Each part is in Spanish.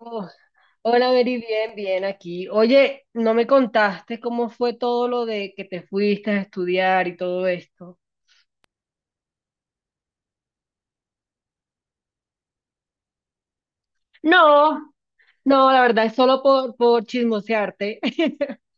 Oh, hola, Mary, bien, bien aquí. Oye, ¿no me contaste cómo fue todo lo de que te fuiste a estudiar y todo esto? No, no, la verdad es solo por chismosearte.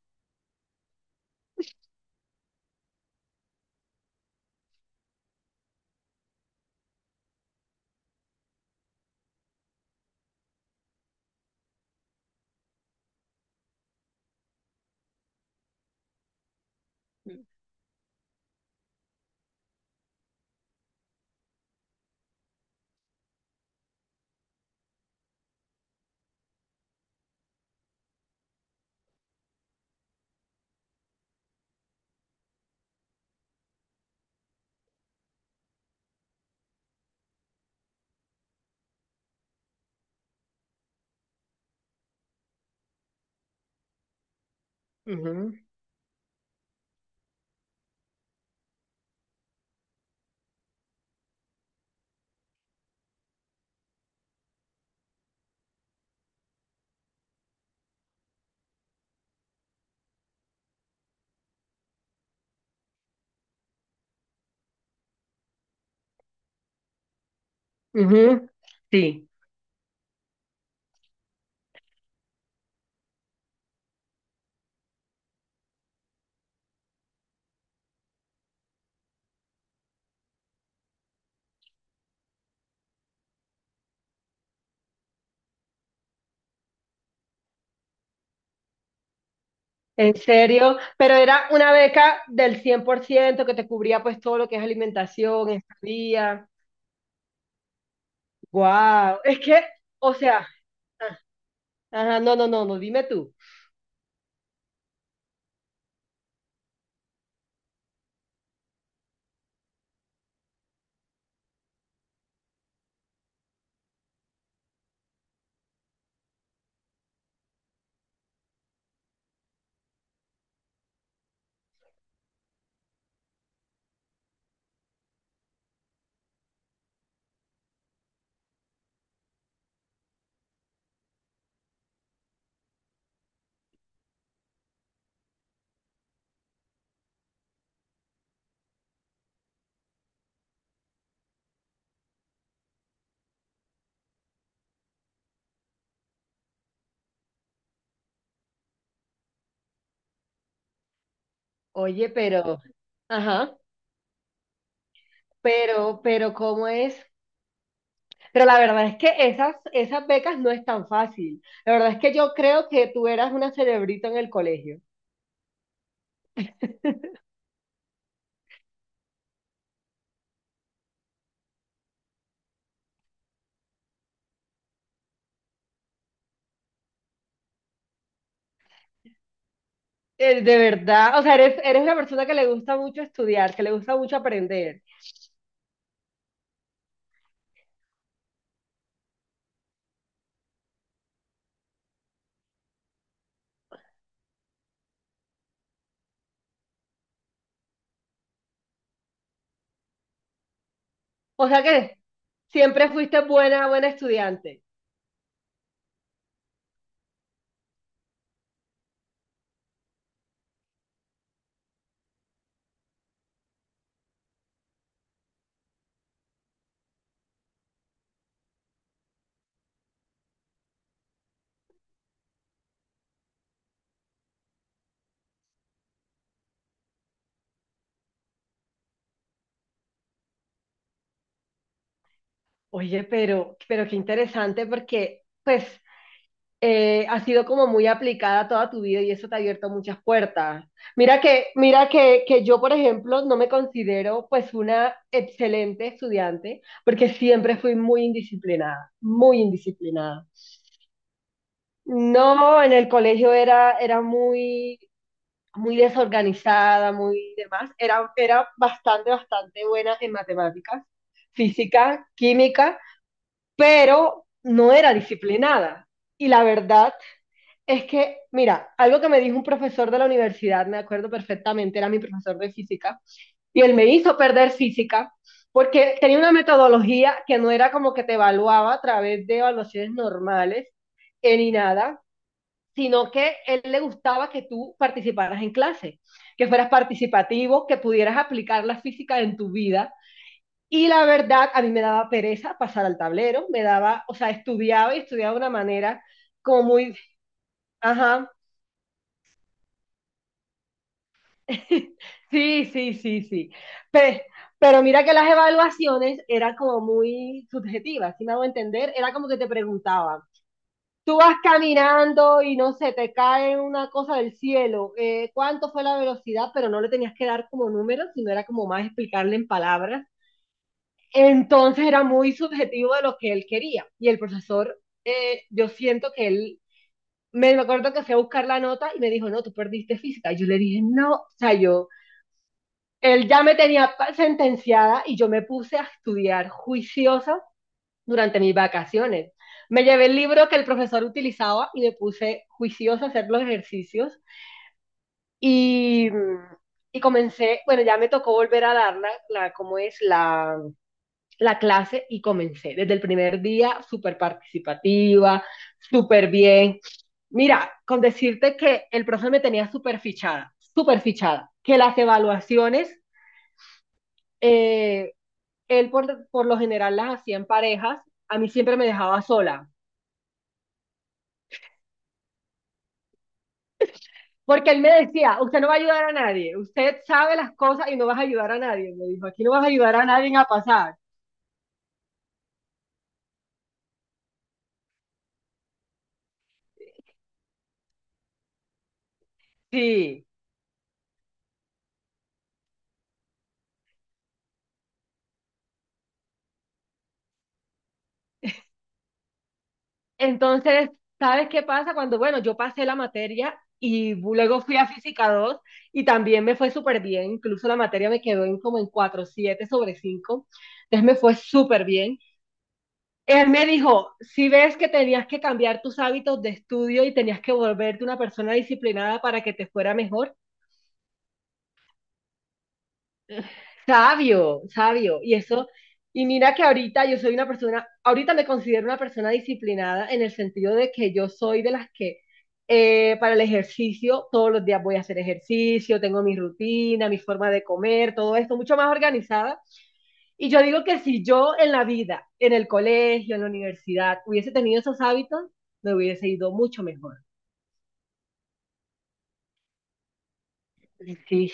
Ujú, ujú. Sí. En serio, pero era una beca del 100% que te cubría, pues, todo lo que es alimentación, estadía. Wow, es que, o sea, ah, ajá, no, no, no, no, dime tú. Oye, pero, ajá, pero, ¿cómo es? Pero la verdad es que esas becas no es tan fácil. La verdad es que yo creo que tú eras una cerebrita en el colegio. De verdad, o sea, eres una persona que le gusta mucho estudiar, que le gusta mucho aprender. O sea que siempre fuiste buena estudiante. Oye, pero qué interesante porque, pues, has sido como muy aplicada toda tu vida y eso te ha abierto muchas puertas. Mira que yo, por ejemplo, no me considero, pues, una excelente estudiante porque siempre fui muy indisciplinada, muy indisciplinada. No, en el colegio era muy muy desorganizada, muy demás, era bastante, bastante buena en matemáticas, física, química, pero no era disciplinada. Y la verdad es que, mira, algo que me dijo un profesor de la universidad, me acuerdo perfectamente, era mi profesor de física, y él me hizo perder física porque tenía una metodología que no era como que te evaluaba a través de evaluaciones normales ni nada, sino que a él le gustaba que tú participaras en clase, que fueras participativo, que pudieras aplicar la física en tu vida. Y la verdad, a mí me daba pereza pasar al tablero, me daba, o sea, estudiaba y estudiaba de una manera como muy, ajá, sí, sí, sí, sí. Pero, pero mira que las evaluaciones eran como muy subjetivas, si me hago entender, era como que te preguntaban, tú vas caminando y no sé, te cae una cosa del cielo, cuánto fue la velocidad, pero no le tenías que dar como números, sino era como más explicarle en palabras. Entonces era muy subjetivo de lo que él quería. Y el profesor, yo siento que él, me acuerdo que fui a buscar la nota y me dijo, no, tú perdiste física. Y yo le dije, no, o sea, yo, él ya me tenía sentenciada y yo me puse a estudiar juiciosa durante mis vacaciones. Me llevé el libro que el profesor utilizaba y me puse juiciosa a hacer los ejercicios y, y comencé, bueno, ya me tocó volver a dar la, la cómo es la, la clase y comencé desde el primer día súper participativa, súper bien. Mira, con decirte que el profesor me tenía súper fichada, que las evaluaciones, eh, él por lo general las hacía en parejas, a mí siempre me dejaba sola. Porque él me decía, usted no va a ayudar a nadie, usted sabe las cosas y no vas a ayudar a nadie. Me dijo, aquí no vas a ayudar a nadie a pasar. Sí. Entonces, ¿sabes qué pasa? Cuando, bueno, yo pasé la materia y luego fui a Física 2 y también me fue súper bien, incluso la materia me quedó en como en 4,7/5. Entonces me fue súper bien. Él me dijo, si ves que tenías que cambiar tus hábitos de estudio y tenías que volverte una persona disciplinada para que te fuera mejor. Sabio, sabio. Y eso, y mira que ahorita yo soy una persona, ahorita me considero una persona disciplinada en el sentido de que yo soy de las que para el ejercicio todos los días voy a hacer ejercicio, tengo mi rutina, mi forma de comer, todo esto, mucho más organizada. Y yo digo que si yo en la vida, en el colegio, en la universidad, hubiese tenido esos hábitos, me hubiese ido mucho mejor. Sí.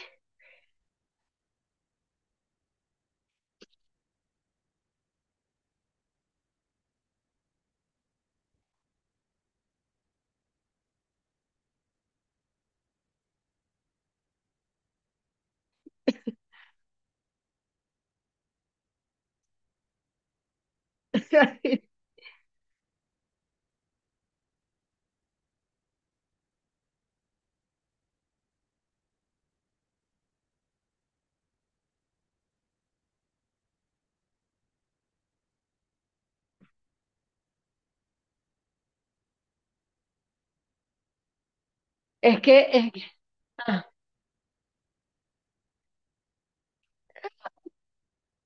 Es que, es que- ah,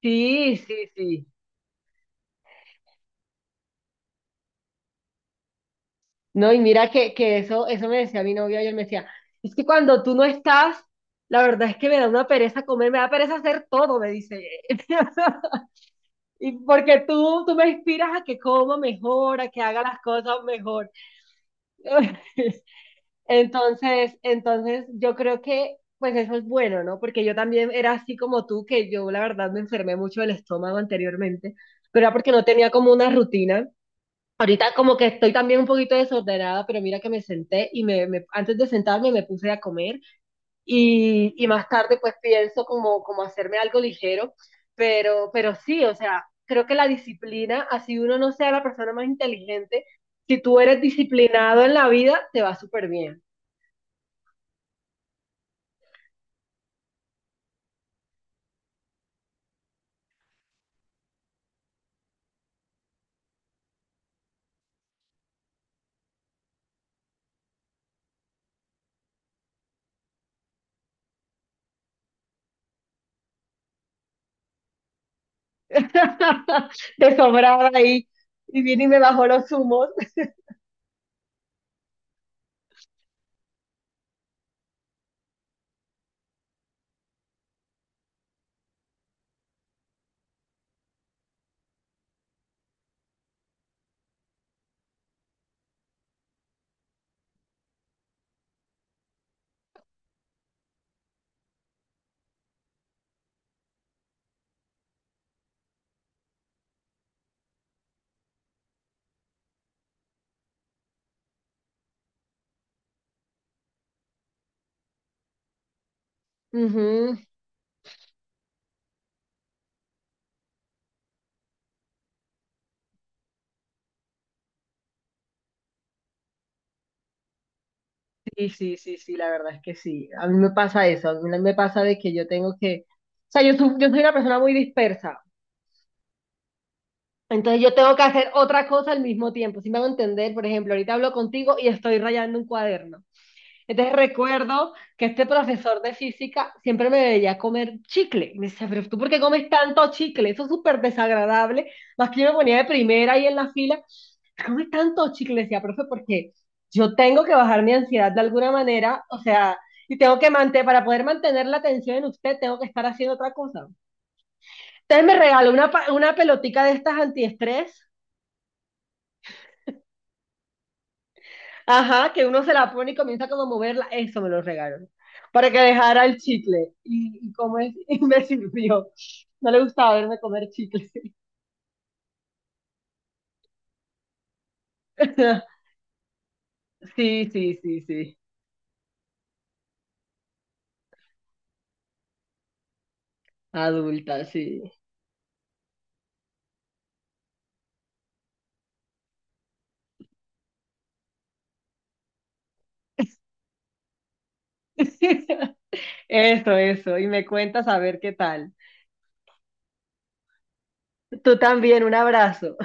sí, sí, sí. No, y mira que eso me decía mi novio ayer, me decía, es que cuando tú no estás, la verdad es que me da una pereza comer, me da pereza hacer todo, me dice. Y porque tú me inspiras a que coma mejor, a que haga las cosas mejor. Entonces yo creo que pues eso es bueno, ¿no? Porque yo también era así como tú, que yo la verdad me enfermé mucho del estómago anteriormente, pero era porque no tenía como una rutina. Ahorita como que estoy también un poquito desordenada, pero mira que me senté y antes de sentarme me puse a comer y más tarde pues pienso como hacerme algo ligero, pero, sí, o sea, creo que la disciplina, así uno no sea la persona más inteligente, si tú eres disciplinado en la vida, te va súper bien. De sobrado ahí y vine y me bajó los humos. Sí, sí, sí, sí, la verdad es que sí. A mí me pasa eso, a mí me pasa de que yo tengo que, o sea, yo, yo soy una persona muy dispersa, entonces yo tengo que hacer otra cosa al mismo tiempo. Si me hago entender, por ejemplo, ahorita hablo contigo y estoy rayando un cuaderno. Entonces recuerdo que este profesor de física siempre me veía comer chicle. Y me decía, pero ¿tú por qué comes tanto chicle? Eso es súper desagradable. Más que yo me ponía de primera ahí en la fila come tanto chicle, decía, profe, porque yo tengo que bajar mi ansiedad de alguna manera, o sea, y tengo que mantener, para poder mantener la atención en usted, tengo que estar haciendo otra cosa. Entonces me regaló una pelotica de estas antiestrés, ajá, que uno se la pone y comienza como a moverla, eso me lo regaló, para que dejara el chicle, y como es, y me sirvió. No le gustaba verme comer chicle. Sí, sí, sí, sí, adulta, sí. Eso, y me cuentas a ver qué tal. Tú también, un abrazo.